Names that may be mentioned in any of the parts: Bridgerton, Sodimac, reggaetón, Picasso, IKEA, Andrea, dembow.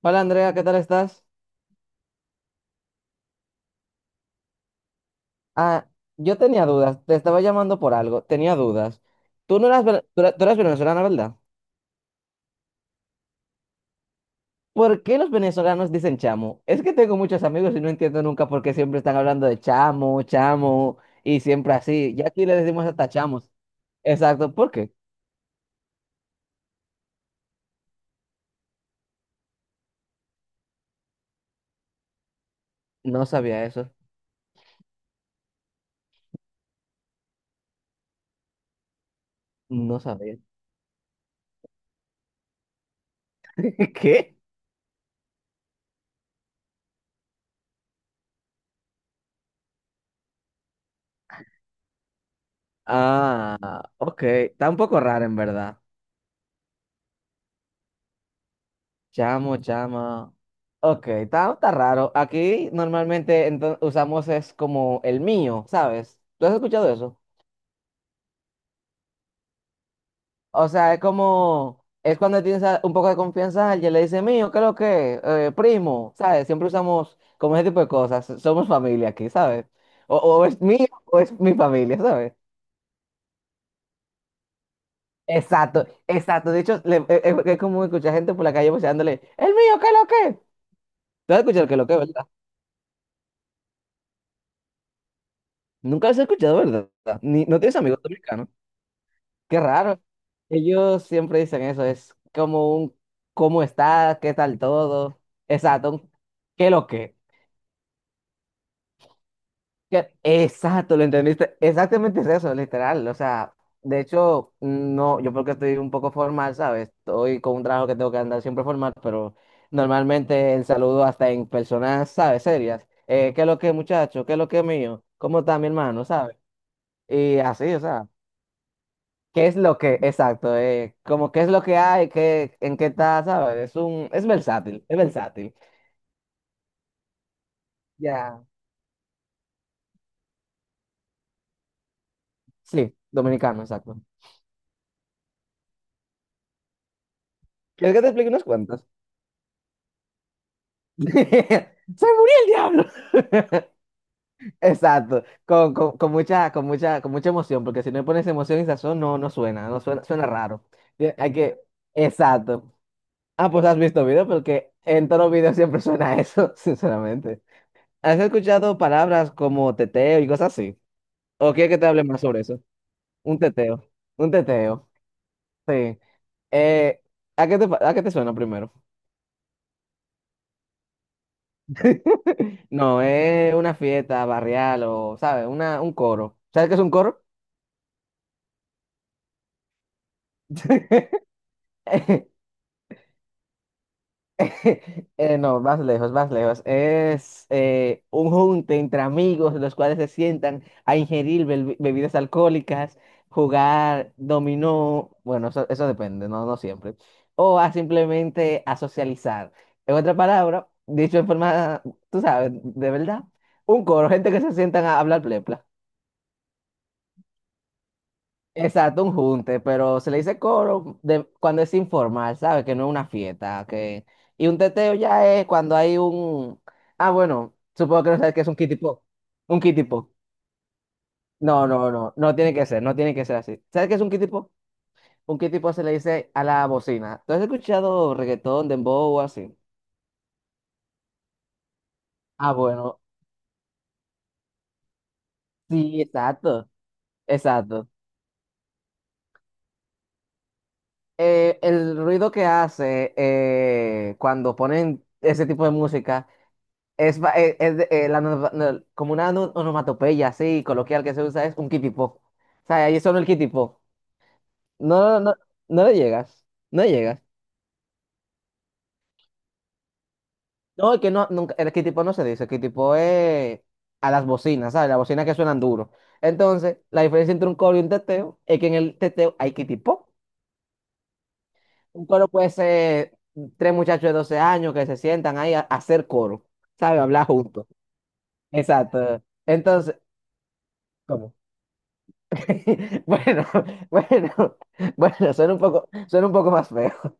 Hola Andrea, ¿qué tal estás? Ah, yo tenía dudas, te estaba llamando por algo, tenía dudas. Tú no eras, tú eras venezolana, ¿verdad? ¿Por qué los venezolanos dicen chamo? Es que tengo muchos amigos y no entiendo nunca por qué siempre están hablando de chamo, chamo y siempre así. Ya aquí le decimos hasta chamos. Exacto, ¿por qué? No sabía eso, no sabía. ¿Qué? Ah, ok, está un poco raro en verdad. Chamo, chama. Ok, está raro. Aquí normalmente usamos es como el mío, ¿sabes? ¿Tú has escuchado eso? O sea, es como, es cuando tienes un poco de confianza a alguien, le dice mío, ¿qué es lo que? Primo, ¿sabes? Siempre usamos como ese tipo de cosas. Somos familia aquí, ¿sabes? O es mío o es mi familia, ¿sabes? Exacto, exacto. De hecho, es como escuchar gente por la calle voceándole, el mío, ¿qué es lo que? ¿Tú has escuchado el qué es lo que, verdad? Nunca lo has escuchado, ¿verdad? Ni, ¿no tienes amigos dominicanos? Qué raro. Ellos siempre dicen eso, es como un ¿cómo está? ¿Qué tal todo? Exacto, un, ¿qué lo que? ¿Qué? Exacto, lo entendiste. Exactamente es eso, literal. O sea, de hecho, no, yo porque estoy un poco formal, ¿sabes? Estoy con un trabajo que tengo que andar siempre formal, pero normalmente el saludo hasta en personas, ¿sabes? Serias. ¿Qué lo que, muchacho? ¿Qué lo que, mío? ¿Cómo está mi hermano? ¿Sabes? Y así, o sea. ¿Qué es lo que, exacto, como qué es lo que hay, qué, en qué está, ¿sabes? Es un, es versátil, es versátil. Ya. Sí, dominicano, exacto. ¿Quieres que te explique unas cuantas? ¡Se murió el diablo! Exacto, con mucha, con mucha, con mucha emoción, porque si no le pones emoción y sazón, no, no suena, no suena, suena raro. Hay que, exacto. Ah, pues has visto video, porque en todos los videos siempre suena eso, sinceramente. ¿Has escuchado palabras como teteo y cosas así? ¿O quieres que te hable más sobre eso? Un teteo, un teteo, sí. Eh, ¿A qué te, a qué te suena primero? No, es una fiesta barrial o, ¿sabes? Una, un coro. ¿Sabes qué es un coro? No, más lejos, más lejos. Es un junte entre amigos, los cuales se sientan a ingerir bebidas alcohólicas, jugar dominó, bueno, eso depende, no, no siempre, o a simplemente a socializar. En otra palabra, dicho en forma, tú sabes, de verdad, un coro, gente que se sientan a hablar plepla. Exacto, un junte, pero se le dice coro cuando es informal, ¿sabes? Que no es una fiesta, que... Y un teteo ya es cuando hay un... Ah, bueno, supongo que no sabes qué es un kitty pop. Un kitty pop. No, no, no, no tiene que ser, no tiene que ser así. ¿Sabes qué es un kitty pop? Un kitty pop se le dice a la bocina. ¿Tú has escuchado reggaetón, dembow o así? Ah, bueno, sí, exacto, exacto. El ruido que hace cuando ponen ese tipo de música es, es la como una onomatopeya así coloquial que se usa, es un kitipo. O sea, ahí solo el kitipo. No, no, no le llegas. No le llegas. No, es que no, nunca, el kitipo no se dice. El kitipo es a las bocinas, ¿sabes? Las bocinas que suenan duro. Entonces, la diferencia entre un coro y un teteo es que en el teteo hay kitipo. Un coro puede ser tres muchachos de 12 años que se sientan ahí a hacer coro, ¿sabes? Hablar juntos. Exacto. Entonces, ¿cómo? Bueno, bueno, bueno, suena un poco más feo.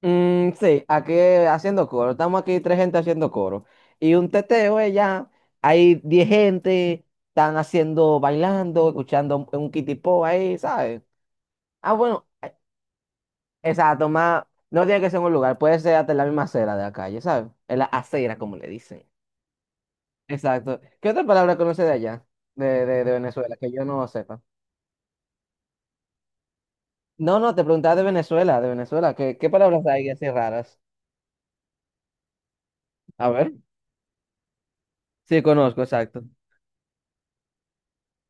Mm, sí, aquí haciendo coro. Estamos aquí tres gente haciendo coro. Y un teteo es ya, hay diez gente, están haciendo, bailando, escuchando un kitipo ahí, ¿sabes? Ah, bueno, exacto, más, no tiene que ser en un lugar, puede ser hasta en la misma acera de la calle, ¿sabes? En la acera, como le dicen. Exacto. ¿Qué otra palabra conoce de allá, de Venezuela, que yo no sepa? No, no, te preguntaba de Venezuela, de Venezuela. ¿Qué palabras hay así raras? A ver. Sí, conozco, exacto.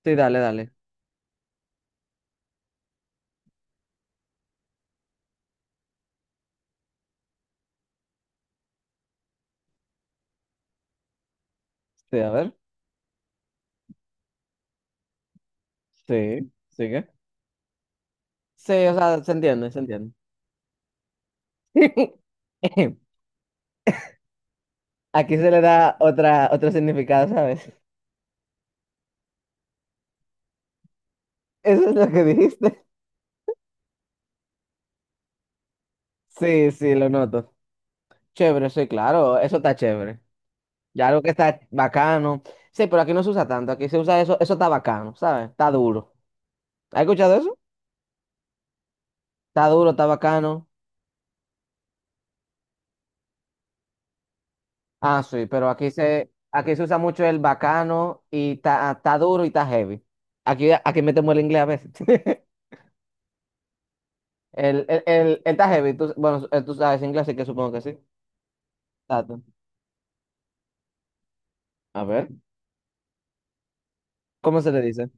Sí, dale, dale. Sí, a ver. Sí, sigue. Sí, o sea, se entiende, se entiende. Aquí se le da otra, otro significado, ¿sabes? Eso es lo que dijiste. Sí, sí, lo noto. Chévere, sí, claro, eso está chévere. Ya algo que está bacano. Sí, pero aquí no se usa tanto, aquí se usa eso, eso está bacano, ¿sabes? Está duro. ¿Has escuchado eso? Está duro, está bacano. Ah, sí, pero aquí se usa mucho el bacano y está duro y está heavy. Aquí, aquí metemos el inglés a veces. El ta heavy, bueno, tú sabes inglés, así que supongo que sí. Tato. A ver, ¿cómo se le dice?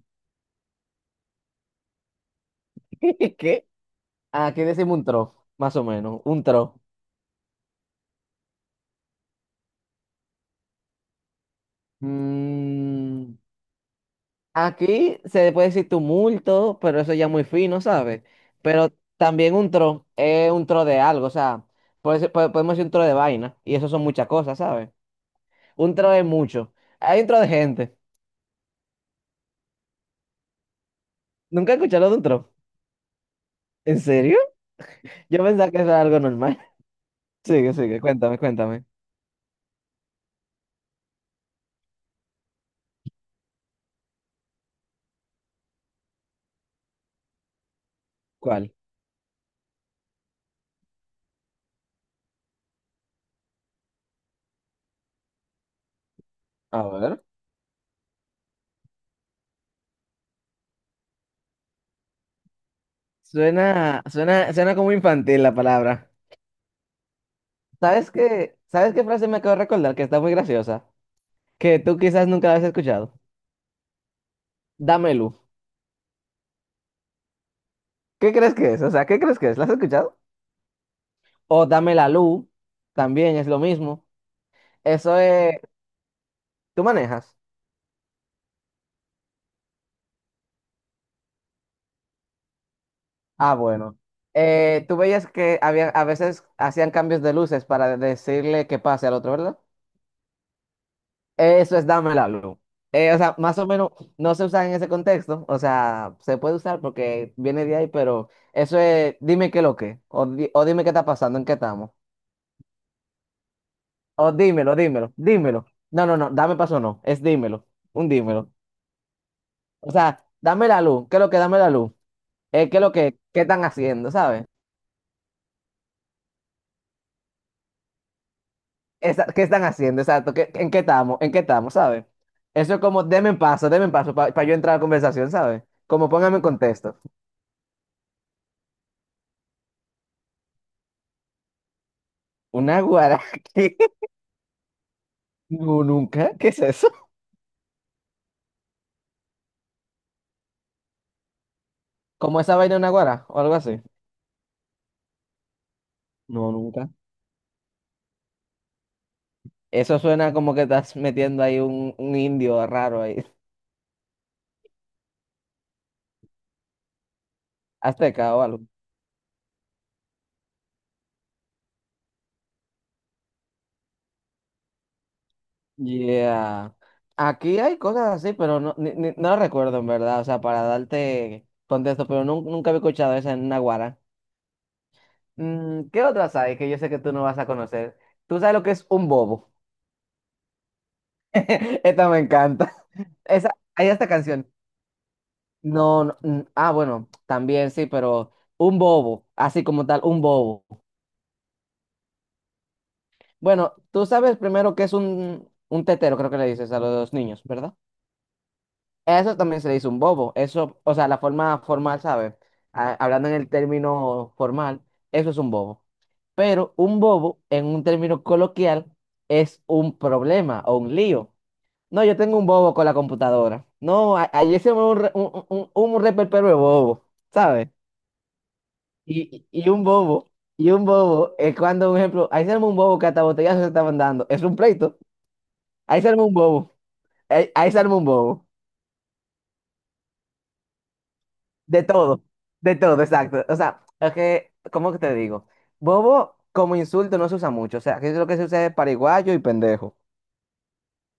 ¿Qué? Aquí decimos un trof, más o menos, un trof. Mm, aquí se puede decir tumulto, pero eso ya muy fino, ¿sabes? Pero también un tro es un tro de algo, o sea, podemos decir un tro de vaina, y eso son muchas cosas, ¿sabes? Un tro es mucho. Hay un tro de gente. Nunca he escuchado de un tro. ¿En serio? Yo pensaba que eso era algo normal. Sigue, sigue, cuéntame, cuéntame. ¿Cuál? A ver. Suena, suena, suena como infantil la palabra. ¿Sabes qué? ¿Sabes qué frase me acabo de recordar que está muy graciosa? Que tú quizás nunca la has escuchado. Dame luz. ¿Qué crees que es? O sea, ¿qué crees que es? ¿La has escuchado? O dame la luz. También es lo mismo. Eso es. ¿Tú manejas? Ah, bueno. Tú veías que había, a veces hacían cambios de luces para decirle que pase al otro, ¿verdad? Eso es dame la luz. O sea, más o menos no se usa en ese contexto. O sea, se puede usar porque viene de ahí, pero eso es dime qué lo que. O, o dime qué está pasando, en qué estamos. O dímelo, dímelo, dímelo. No, no, no, dame paso, no. Es dímelo, un dímelo. O sea, dame la luz. ¿Qué es lo que? Dame la luz. ¿Qué es lo que? ¿Qué están haciendo? ¿Sabes? ¿Qué están haciendo? Exacto, ¿en qué estamos? ¿En qué estamos? ¿Sabes? Eso es como, denme en paso para yo entrar a la conversación, ¿sabes? Como póngame en contexto. ¿Una guara? ¿Qué? No, nunca. ¿Qué es eso? ¿Como esa vaina de una guara o algo así? No, nunca. Eso suena como que estás metiendo ahí un indio raro ahí, azteca o algo. Yeah. Aquí hay cosas así, pero no, no recuerdo en verdad, o sea, para darte contexto, pero nunca había escuchado esa en una guara. Mm, ¿qué otras hay que yo sé que tú no vas a conocer? ¿Tú sabes lo que es un bobo? Esta me encanta. Esa, hay esta canción. No, no, mm, ah, bueno, también sí, pero un bobo, así como tal, un bobo. Bueno, tú sabes primero que es un tetero, creo que le dices a los niños, ¿verdad? Eso también se le dice un bobo. Eso, o sea, la forma formal, ¿sabes? Ah, hablando en el término formal, eso es un bobo. Pero un bobo, en un término coloquial, es un problema o un lío. No, yo tengo un bobo con la computadora. No, ayer se me un, un reperpero de bobo, ¿sabes? Y un bobo, y un bobo, es cuando, por ejemplo, ahí se arma un bobo que hasta botellazos se estaban dando. Es un pleito. Ahí se arma un bobo. Ahí se arma un bobo. De todo. De todo, exacto. O sea, es que, ¿cómo que te digo? Bobo como insulto no se usa mucho. O sea, que es lo que se usa es pariguayo y pendejo.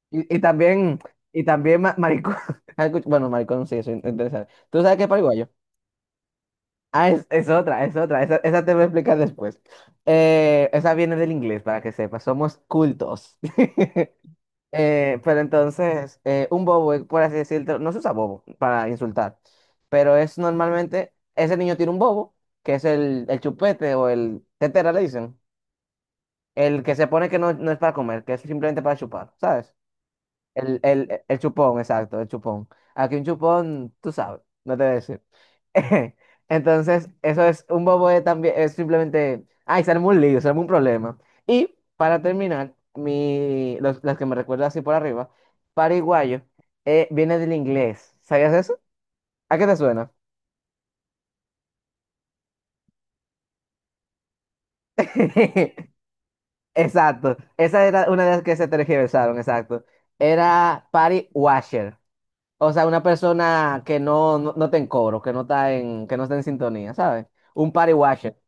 Y, y también, y también maricón. Bueno, maricón sí, eso es interesante. ¿Tú sabes qué es pariguayo? Ah, es otra, es otra. Esa te voy a explicar después. Esa viene del inglés, para que sepas. Somos cultos. Pero entonces, un bobo, por así decirlo, no se usa bobo para insultar, pero es normalmente, ese niño tiene un bobo, que es el chupete o el tetera, le dicen. El que se pone que no, no es para comer, que es simplemente para chupar, ¿sabes? El chupón, exacto, el chupón. Aquí un chupón, tú sabes, no te voy a decir. Entonces, eso es un bobo de también, es simplemente, ay, se armó un lío, se armó un problema. Y para terminar, mi, los, las que me recuerdo así por arriba, pariguayo, viene del inglés. ¿Sabías eso? ¿A qué te suena? Exacto, esa era una de las que se tergiversaron, exacto. Era party washer. O sea, una persona que no, no, no está en coro, que no está en, que no está en sintonía, ¿sabes? Un party washer,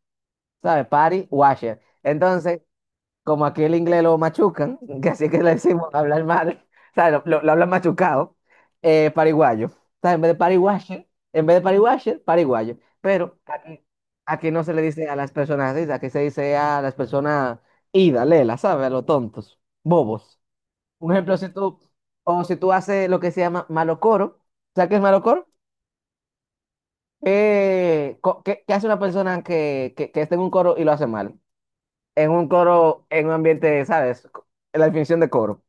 ¿sabes? Party washer. Entonces, como aquí el inglés lo machucan, que así que le decimos hablar mal, ¿sabes? Lo hablan machucado, pariguayo. ¿Sabes? En vez de party washer, en vez de party washer, pariguayo. Pero aquí, aquí no se le dice a las personas así, aquí se dice a las personas ida, lela, ¿sabes? A los tontos, bobos. Un ejemplo, si tú, o si tú haces lo que se llama malocoro, ¿sabes qué es malocoro? ¿Qué hace una persona que está en un coro y lo hace mal? En un coro, en un ambiente, ¿sabes? La definición de coro.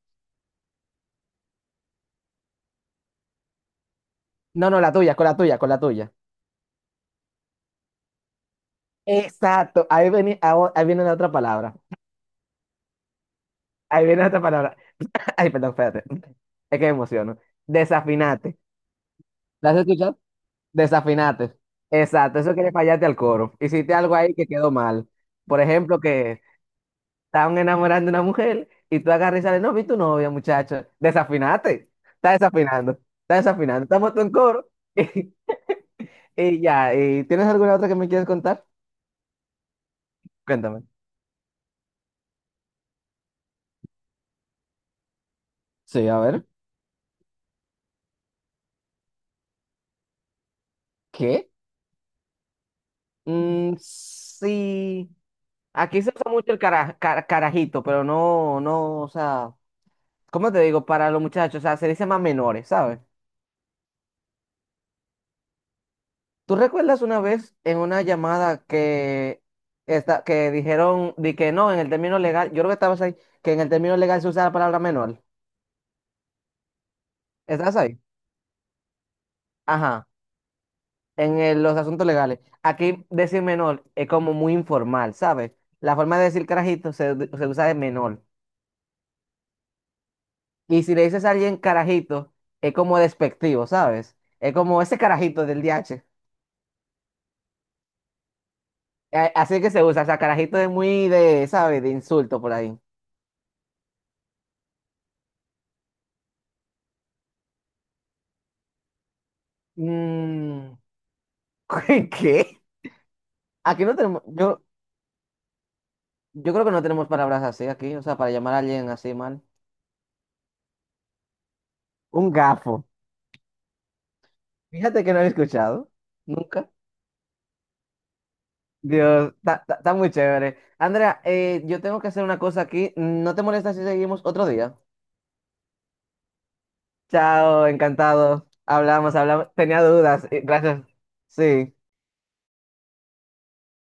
No, no, la tuya, con la tuya, con la tuya. Exacto, ahí viene, ahí viene la otra palabra. Ahí viene la otra palabra. Ay, perdón, espérate. Es que me emociono. Desafinate. ¿La has escuchado? Desafinate. Exacto, eso quiere fallarte al coro. Hiciste algo ahí que quedó mal. Por ejemplo, que estaban enamorando a una mujer y tú agarras y sales, no, vi tu novia, muchacho, desafinate, está desafinando, estamos en coro. Y, ya, y ¿tienes alguna otra que me quieras contar? Cuéntame. Sí, a ver. ¿Qué? Mm, sí, aquí se usa mucho el carajito, pero no, no, o sea, ¿cómo te digo? Para los muchachos, o sea, se dice más menores, ¿sabes? ¿Tú recuerdas una vez en una llamada que, esta, que dijeron di que no, en el término legal, yo creo que estabas ahí, que en el término legal se usa la palabra menor? ¿Estás ahí? Ajá, en los asuntos legales. Aquí decir menor es como muy informal, ¿sabes? La forma de decir carajito se usa de menor. Y si le dices a alguien carajito, es como despectivo, ¿sabes? Es como ese carajito del DH. Así que se usa, o sea, carajito es muy de, ¿sabes? De insulto por ahí. Mm, ¿Qué? Aquí no tenemos, yo creo que no tenemos palabras así aquí, o sea, para llamar a alguien así mal. Un gafo. Fíjate que no lo he escuchado. Nunca. Dios, está muy chévere. Andrea, yo tengo que hacer una cosa aquí. ¿No te molesta si seguimos otro día? Chao, encantado. Hablamos, hablamos. Tenía dudas. Gracias. Sí.